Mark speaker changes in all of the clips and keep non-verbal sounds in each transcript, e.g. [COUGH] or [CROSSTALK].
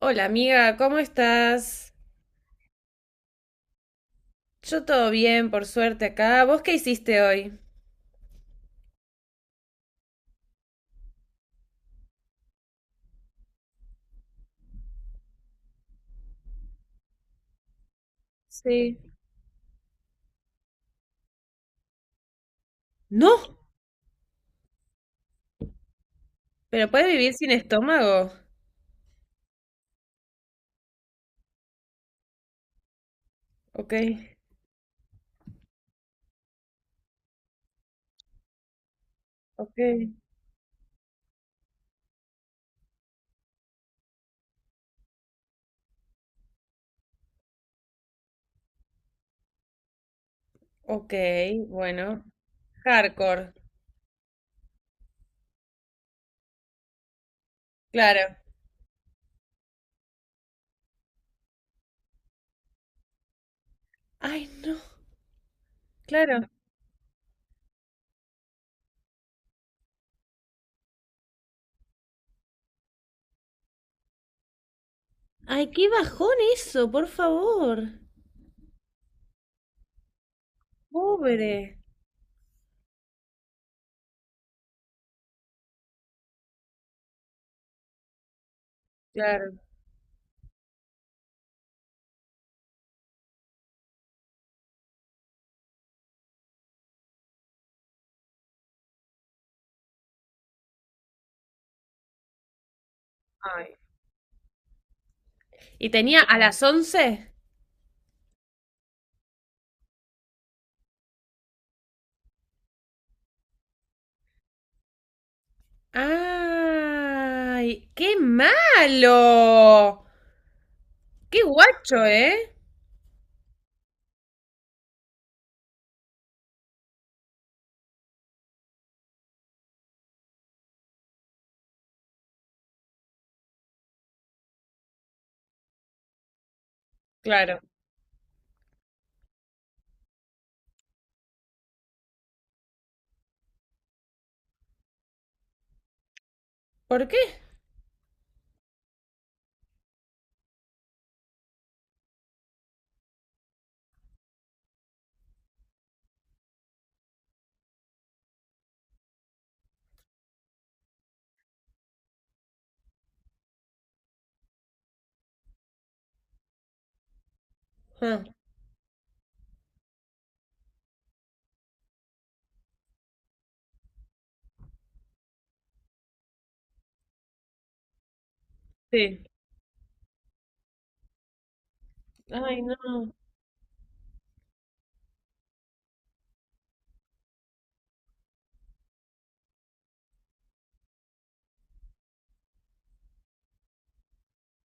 Speaker 1: Hola amiga, ¿cómo estás? Yo todo bien, por suerte acá. ¿Vos qué hiciste hoy? Sí. No, pero puedes vivir sin estómago. Ok, ok, ok, bueno. Hardcore, claro. Ay, no, claro. Ay, qué bajón eso, por favor. Pobre. Claro. Ay. ¿Y tenía a las 11? ¡Ay! ¡Qué malo! ¡Qué guacho, eh! Claro. ¿Por qué? Ah, sí. Ay, no.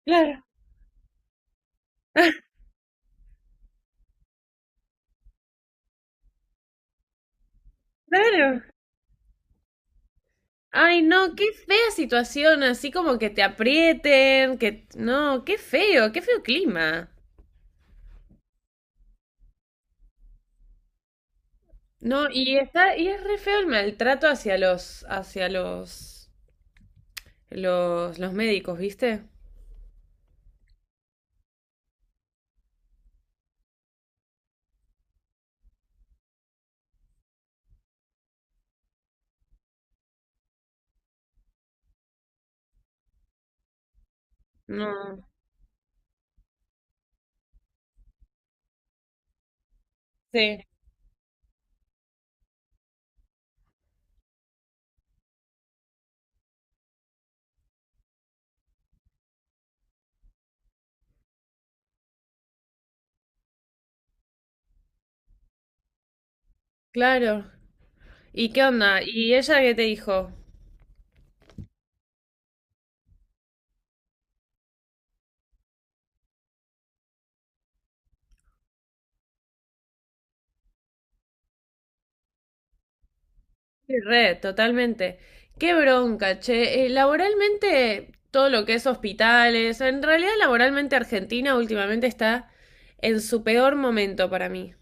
Speaker 1: Claro. [LAUGHS] Claro. Ay, no, qué fea situación, así como que te aprieten, que no, qué feo clima. No, y está, y es re feo el maltrato hacia los médicos, ¿viste? No, sí, claro. ¿Y qué onda? ¿Y ella qué te dijo? Sí, re, totalmente. Qué bronca, che. Laboralmente, todo lo que es hospitales, en realidad laboralmente Argentina últimamente está en su peor momento para mí.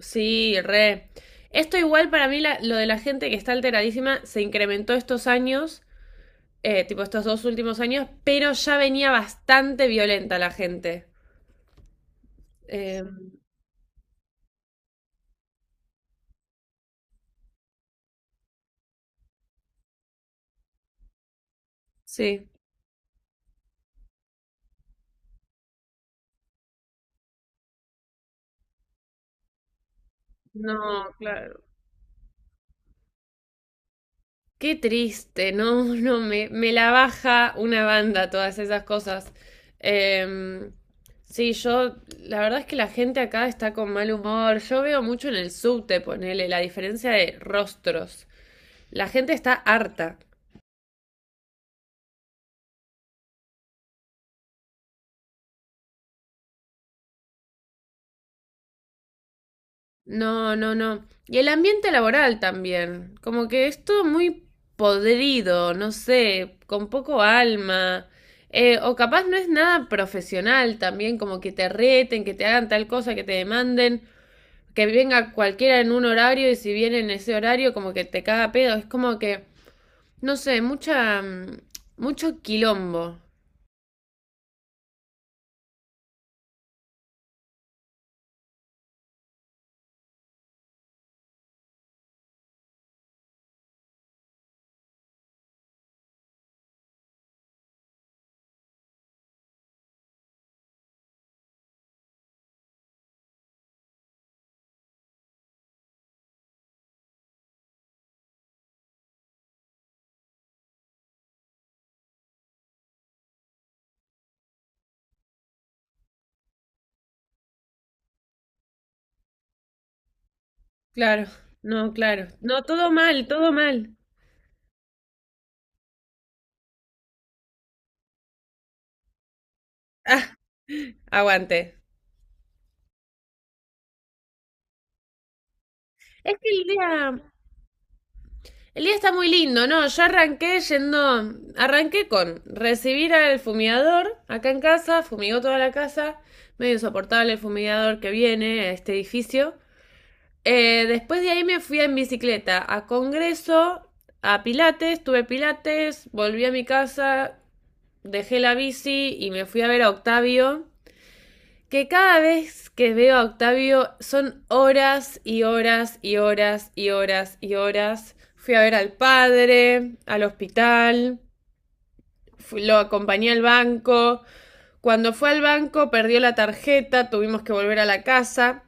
Speaker 1: Sí, re. Esto igual para mí, lo de la gente que está alteradísima, se incrementó estos años, tipo estos 2 últimos años, pero ya venía bastante violenta la gente. Eh, sí. No, claro. Qué triste, no, [LAUGHS] no, me la baja una banda todas esas cosas. Em, sí, yo, la verdad es que la gente acá está con mal humor. Yo veo mucho en el subte, ponele, la diferencia de rostros. La gente está harta. No, no, no. Y el ambiente laboral también. Como que es todo muy podrido, no sé, con poco alma. O capaz no es nada profesional también, como que te reten, que te hagan tal cosa, que te demanden. Que venga cualquiera en un horario y si viene en ese horario como que te caga pedo. Es como que, no sé, mucho quilombo. Claro, no, claro. No, todo mal, todo mal. [LAUGHS] Ah, aguante. Es que el día está muy lindo, ¿no? Yo arranqué yendo, arranqué con recibir al fumigador acá en casa, fumigó toda la casa, medio insoportable el fumigador que viene a este edificio. Después de ahí me fui en bicicleta a Congreso, a Pilates, tuve Pilates, volví a mi casa, dejé la bici y me fui a ver a Octavio, que cada vez que veo a Octavio son horas y horas y horas y horas y horas. Fui a ver al padre, al hospital, lo acompañé al banco. Cuando fue al banco perdió la tarjeta, tuvimos que volver a la casa.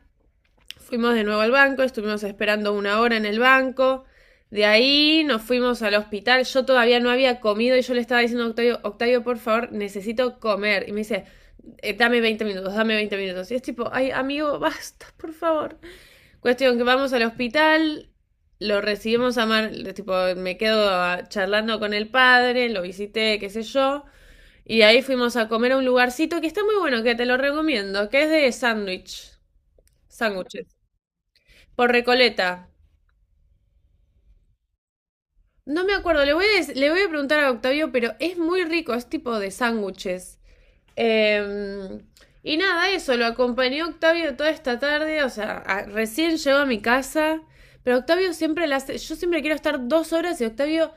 Speaker 1: Fuimos de nuevo al banco, estuvimos esperando 1 hora en el banco. De ahí nos fuimos al hospital. Yo todavía no había comido y yo le estaba diciendo a Octavio, Octavio, por favor, necesito comer. Y me dice, dame 20 minutos, dame 20 minutos. Y es tipo, ay, amigo, basta, por favor. Cuestión que vamos al hospital, lo recibimos a Mar, tipo, me quedo charlando con el padre, lo visité, qué sé yo. Y ahí fuimos a comer a un lugarcito que está muy bueno, que te lo recomiendo, que es de sándwiches por Recoleta. No me acuerdo, le voy a preguntar a Octavio, pero es muy rico, es tipo de sándwiches. Eh, y nada, eso, lo acompañó Octavio toda esta tarde, o sea, recién llegó a mi casa, pero Octavio siempre la hace, yo siempre quiero estar 2 horas y Octavio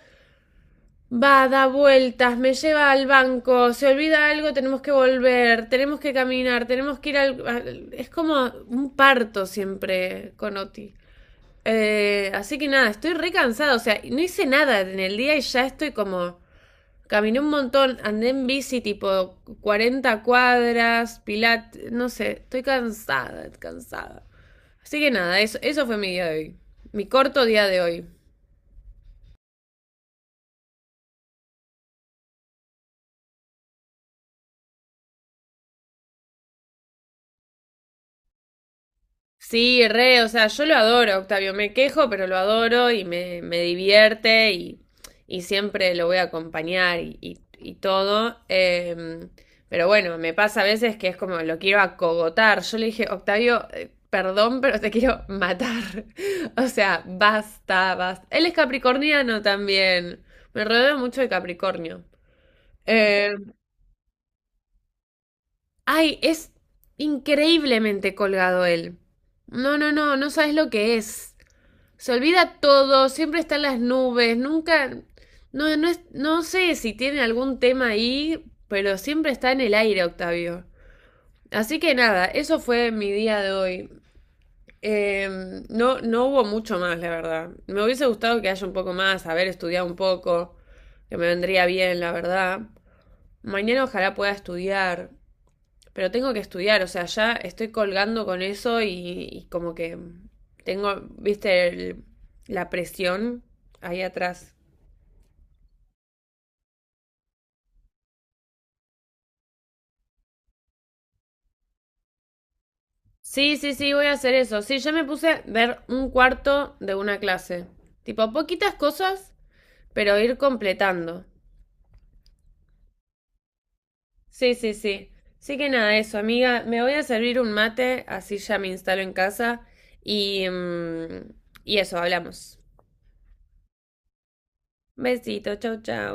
Speaker 1: va, da vueltas, me lleva al banco, se olvida algo, tenemos que volver, tenemos que caminar, tenemos que ir Es como un parto siempre con Oti. Así que nada, estoy re cansada. O sea, no hice nada en el día y ya estoy como. Caminé un montón, andé en bici tipo 40 cuadras, no sé, estoy cansada, cansada. Así que nada, eso fue mi día de hoy. Mi corto día de hoy. Sí, re, o sea, yo lo adoro, Octavio, me quejo, pero lo adoro y me divierte y siempre lo voy a acompañar y todo. Pero bueno, me pasa a veces que es como lo quiero acogotar. Yo le dije, Octavio, perdón, pero te quiero matar. [LAUGHS] O sea, basta, basta. Él es capricorniano también. Me rodeo mucho de Capricornio. Em, ay, es increíblemente colgado él. No, no, no, no sabes lo que es. Se olvida todo, siempre están las nubes, nunca, no, no, no sé si tiene algún tema ahí, pero siempre está en el aire, Octavio. Así que nada, eso fue mi día de hoy. Eh, no, no hubo mucho más, la verdad. Me hubiese gustado que haya un poco más, haber estudiado un poco, que me vendría bien, la verdad. Mañana ojalá pueda estudiar. Pero tengo que estudiar, o sea, ya estoy colgando con eso y como que tengo, viste, la presión ahí atrás. Sí, sí, sí, voy a hacer eso. Sí, ya me puse a ver un cuarto de una clase. Tipo, poquitas cosas, pero ir completando. Sí, sí, sí. Sí que nada, eso, amiga. Me voy a servir un mate, así ya me instalo en casa. Y, mm, y eso, hablamos. Besito, chau, chau.